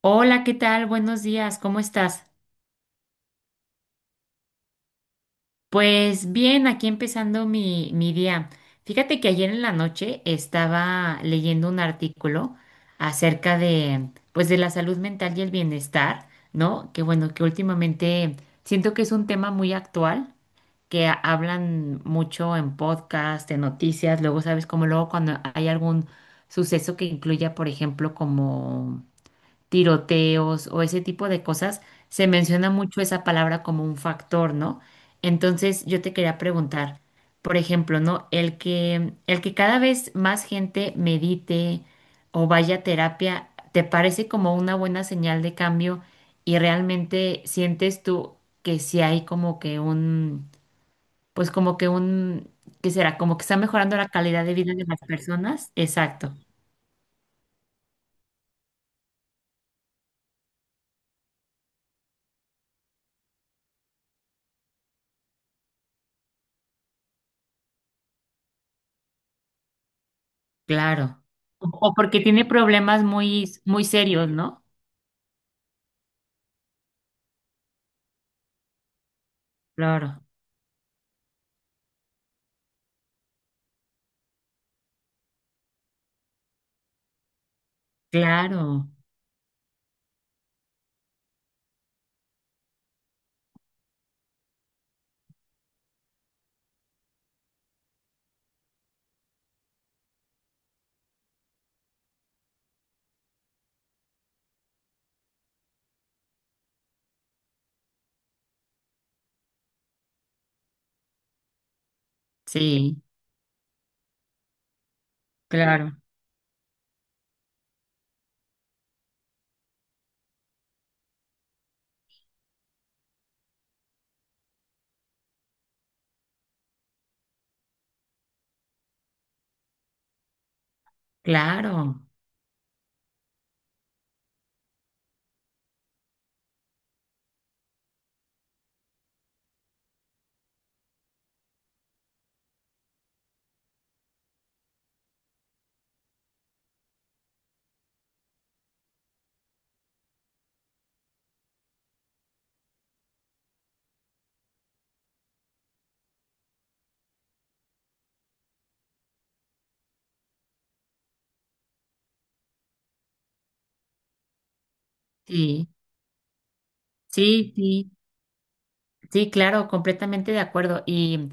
Hola, ¿qué tal? Buenos días, ¿cómo estás? Pues bien, aquí empezando mi día. Fíjate que ayer en la noche estaba leyendo un artículo acerca de, pues, de la salud mental y el bienestar, ¿no? Que bueno, que últimamente siento que es un tema muy actual que hablan mucho en podcast, en noticias, luego sabes como luego cuando hay algún suceso que incluya, por ejemplo, como tiroteos o ese tipo de cosas, se menciona mucho esa palabra como un factor, ¿no? Entonces yo te quería preguntar, por ejemplo, ¿no? El que cada vez más gente medite o vaya a terapia, ¿te parece como una buena señal de cambio y realmente sientes tú que sí hay como que un, pues como que un, ¿qué será? Como que está mejorando la calidad de vida de las personas. Exacto. Claro. O, porque tiene problemas muy, muy serios, ¿no? Claro, claro, sí, claro, claro, sí, sí, sí, sí, claro, completamente de acuerdo. Y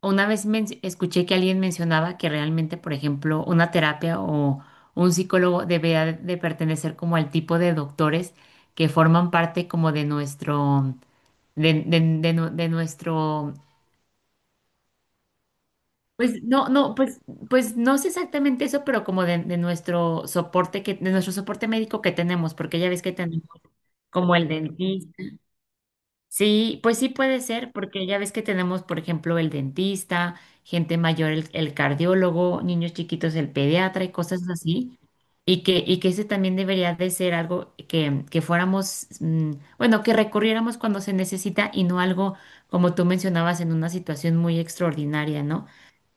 una vez escuché que alguien mencionaba que realmente, por ejemplo, una terapia o un psicólogo debería de pertenecer como al tipo de doctores que forman parte como de nuestro, de de nuestro… Pues no, no, pues, pues no sé exactamente eso, pero como de nuestro soporte que, de nuestro soporte médico que tenemos, porque ya ves que tenemos como el dentista. Sí, pues sí puede ser, porque ya ves que tenemos, por ejemplo, el dentista, gente mayor, el cardiólogo, niños chiquitos, el pediatra y cosas así. Y que ese también debería de ser algo que fuéramos, bueno, que recurriéramos cuando se necesita y no algo como tú mencionabas en una situación muy extraordinaria, ¿no?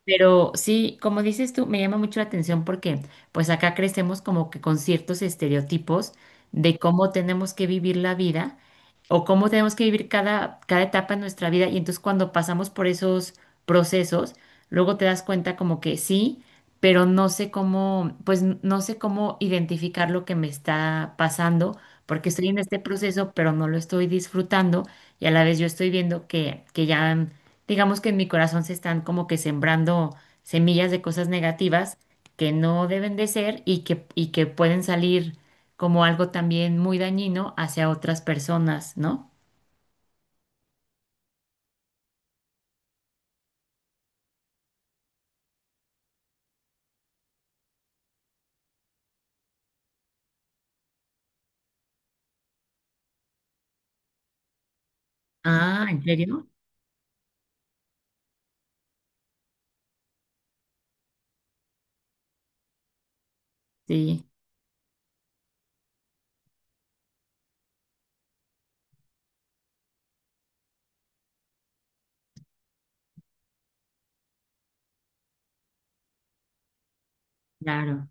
Pero sí, como dices tú, me llama mucho la atención porque pues acá crecemos como que con ciertos estereotipos de cómo tenemos que vivir la vida o cómo tenemos que vivir cada, cada etapa de nuestra vida. Y entonces cuando pasamos por esos procesos, luego te das cuenta como que sí, pero no sé cómo, pues no sé cómo identificar lo que me está pasando porque estoy en este proceso, pero no lo estoy disfrutando y a la vez yo estoy viendo que ya, digamos que en mi corazón se están como que sembrando semillas de cosas negativas que no deben de ser y que pueden salir como algo también muy dañino hacia otras personas, ¿no? Ah, ¿en serio? Sí, claro,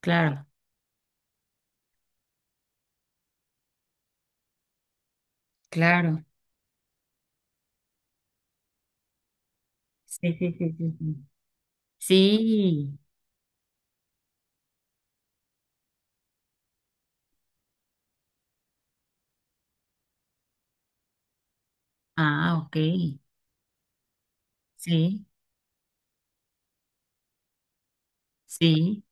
claro, claro. Sí, sí, sí, sí. Sí. Sí. Ah, ok. Sí, sí.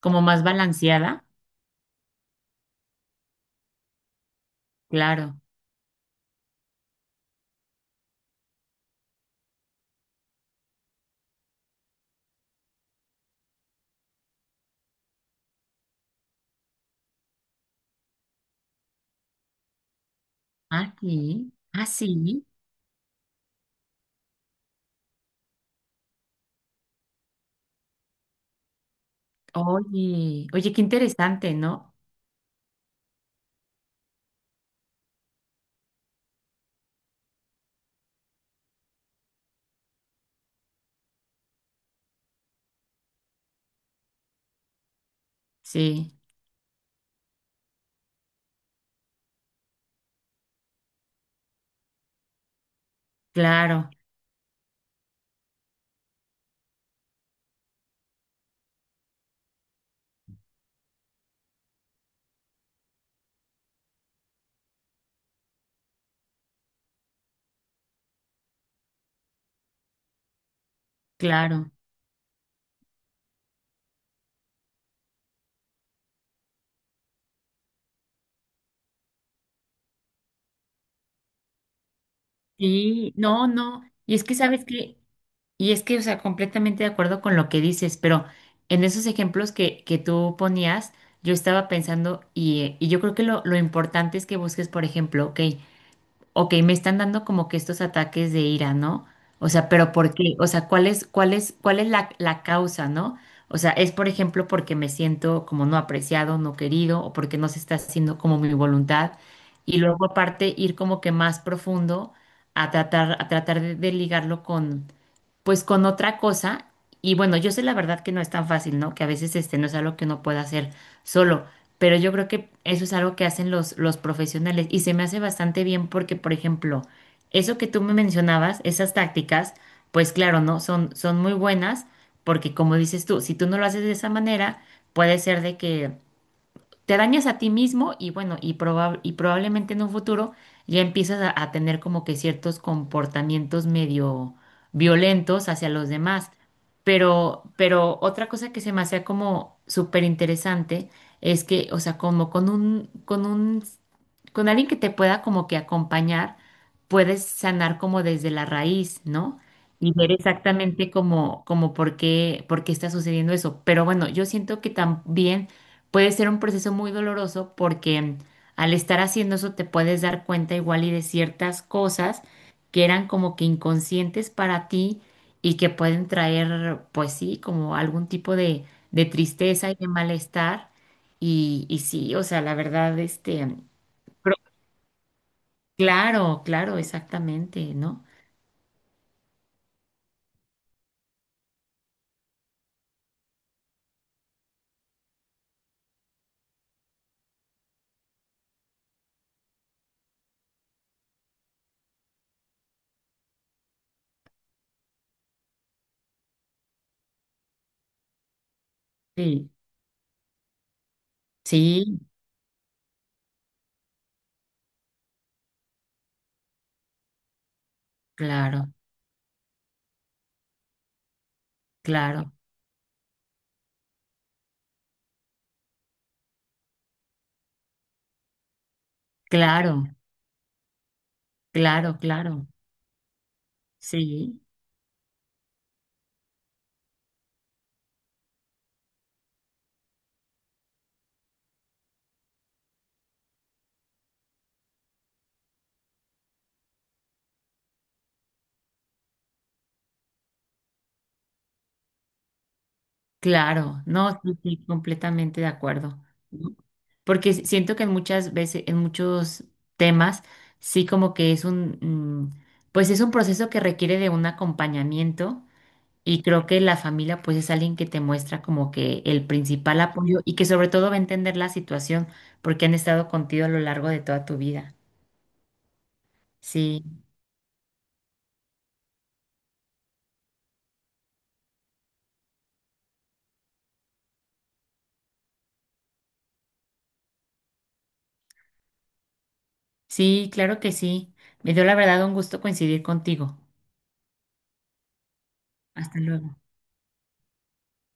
Como más balanceada, claro. Aquí, ah, sí, oye, oye, qué interesante, ¿no? Sí, claro, claro. Sí, no, no, y es que sabes que, y es que, o sea, completamente de acuerdo con lo que dices, pero en esos ejemplos que tú ponías, yo estaba pensando, y yo creo que lo importante es que busques, por ejemplo, ok, ok, me están dando como que estos ataques de ira, ¿no? O sea, pero ¿por qué? O sea, ¿cuál es, cuál es, cuál es la, la causa, ¿no? O sea, es por ejemplo porque me siento como no apreciado, no querido, o porque no se está haciendo como mi voluntad. Y luego aparte ir como que más profundo a tratar de ligarlo con, pues con otra cosa. Y bueno, yo sé la verdad que no es tan fácil, ¿no? Que a veces este no es algo que uno pueda hacer solo, pero yo creo que eso es algo que hacen los profesionales y se me hace bastante bien porque, por ejemplo, eso que tú me mencionabas, esas tácticas, pues claro, ¿no? Son, son muy buenas porque como dices tú, si tú no lo haces de esa manera, puede ser de que te dañas a ti mismo y bueno, y, y probablemente en un futuro ya empiezas a tener como que ciertos comportamientos medio violentos hacia los demás. Pero otra cosa que se me hacía como súper interesante es que, o sea, como con un, con alguien que te pueda como que acompañar, puedes sanar como desde la raíz, ¿no? Y ver exactamente como, como por qué está sucediendo eso. Pero bueno, yo siento que también puede ser un proceso muy doloroso porque al estar haciendo eso te puedes dar cuenta igual y de ciertas cosas que eran como que inconscientes para ti y que pueden traer, pues sí, como algún tipo de tristeza y de malestar. Y sí, o sea, la verdad, este… Claro, claro, exactamente, ¿no? Sí, sí, claro, claro, claro, claro, claro, sí, claro, no, sí, sí, completamente de acuerdo, ¿no? Porque siento que en muchas veces, en muchos temas, sí como que es un, mm, pues es un proceso que requiere de un acompañamiento y creo que la familia pues es alguien que te muestra como que el principal apoyo y que sobre todo va a entender la situación porque han estado contigo a lo largo de toda tu vida. Sí, sí, claro que sí. Me dio la verdad un gusto coincidir contigo. Hasta luego.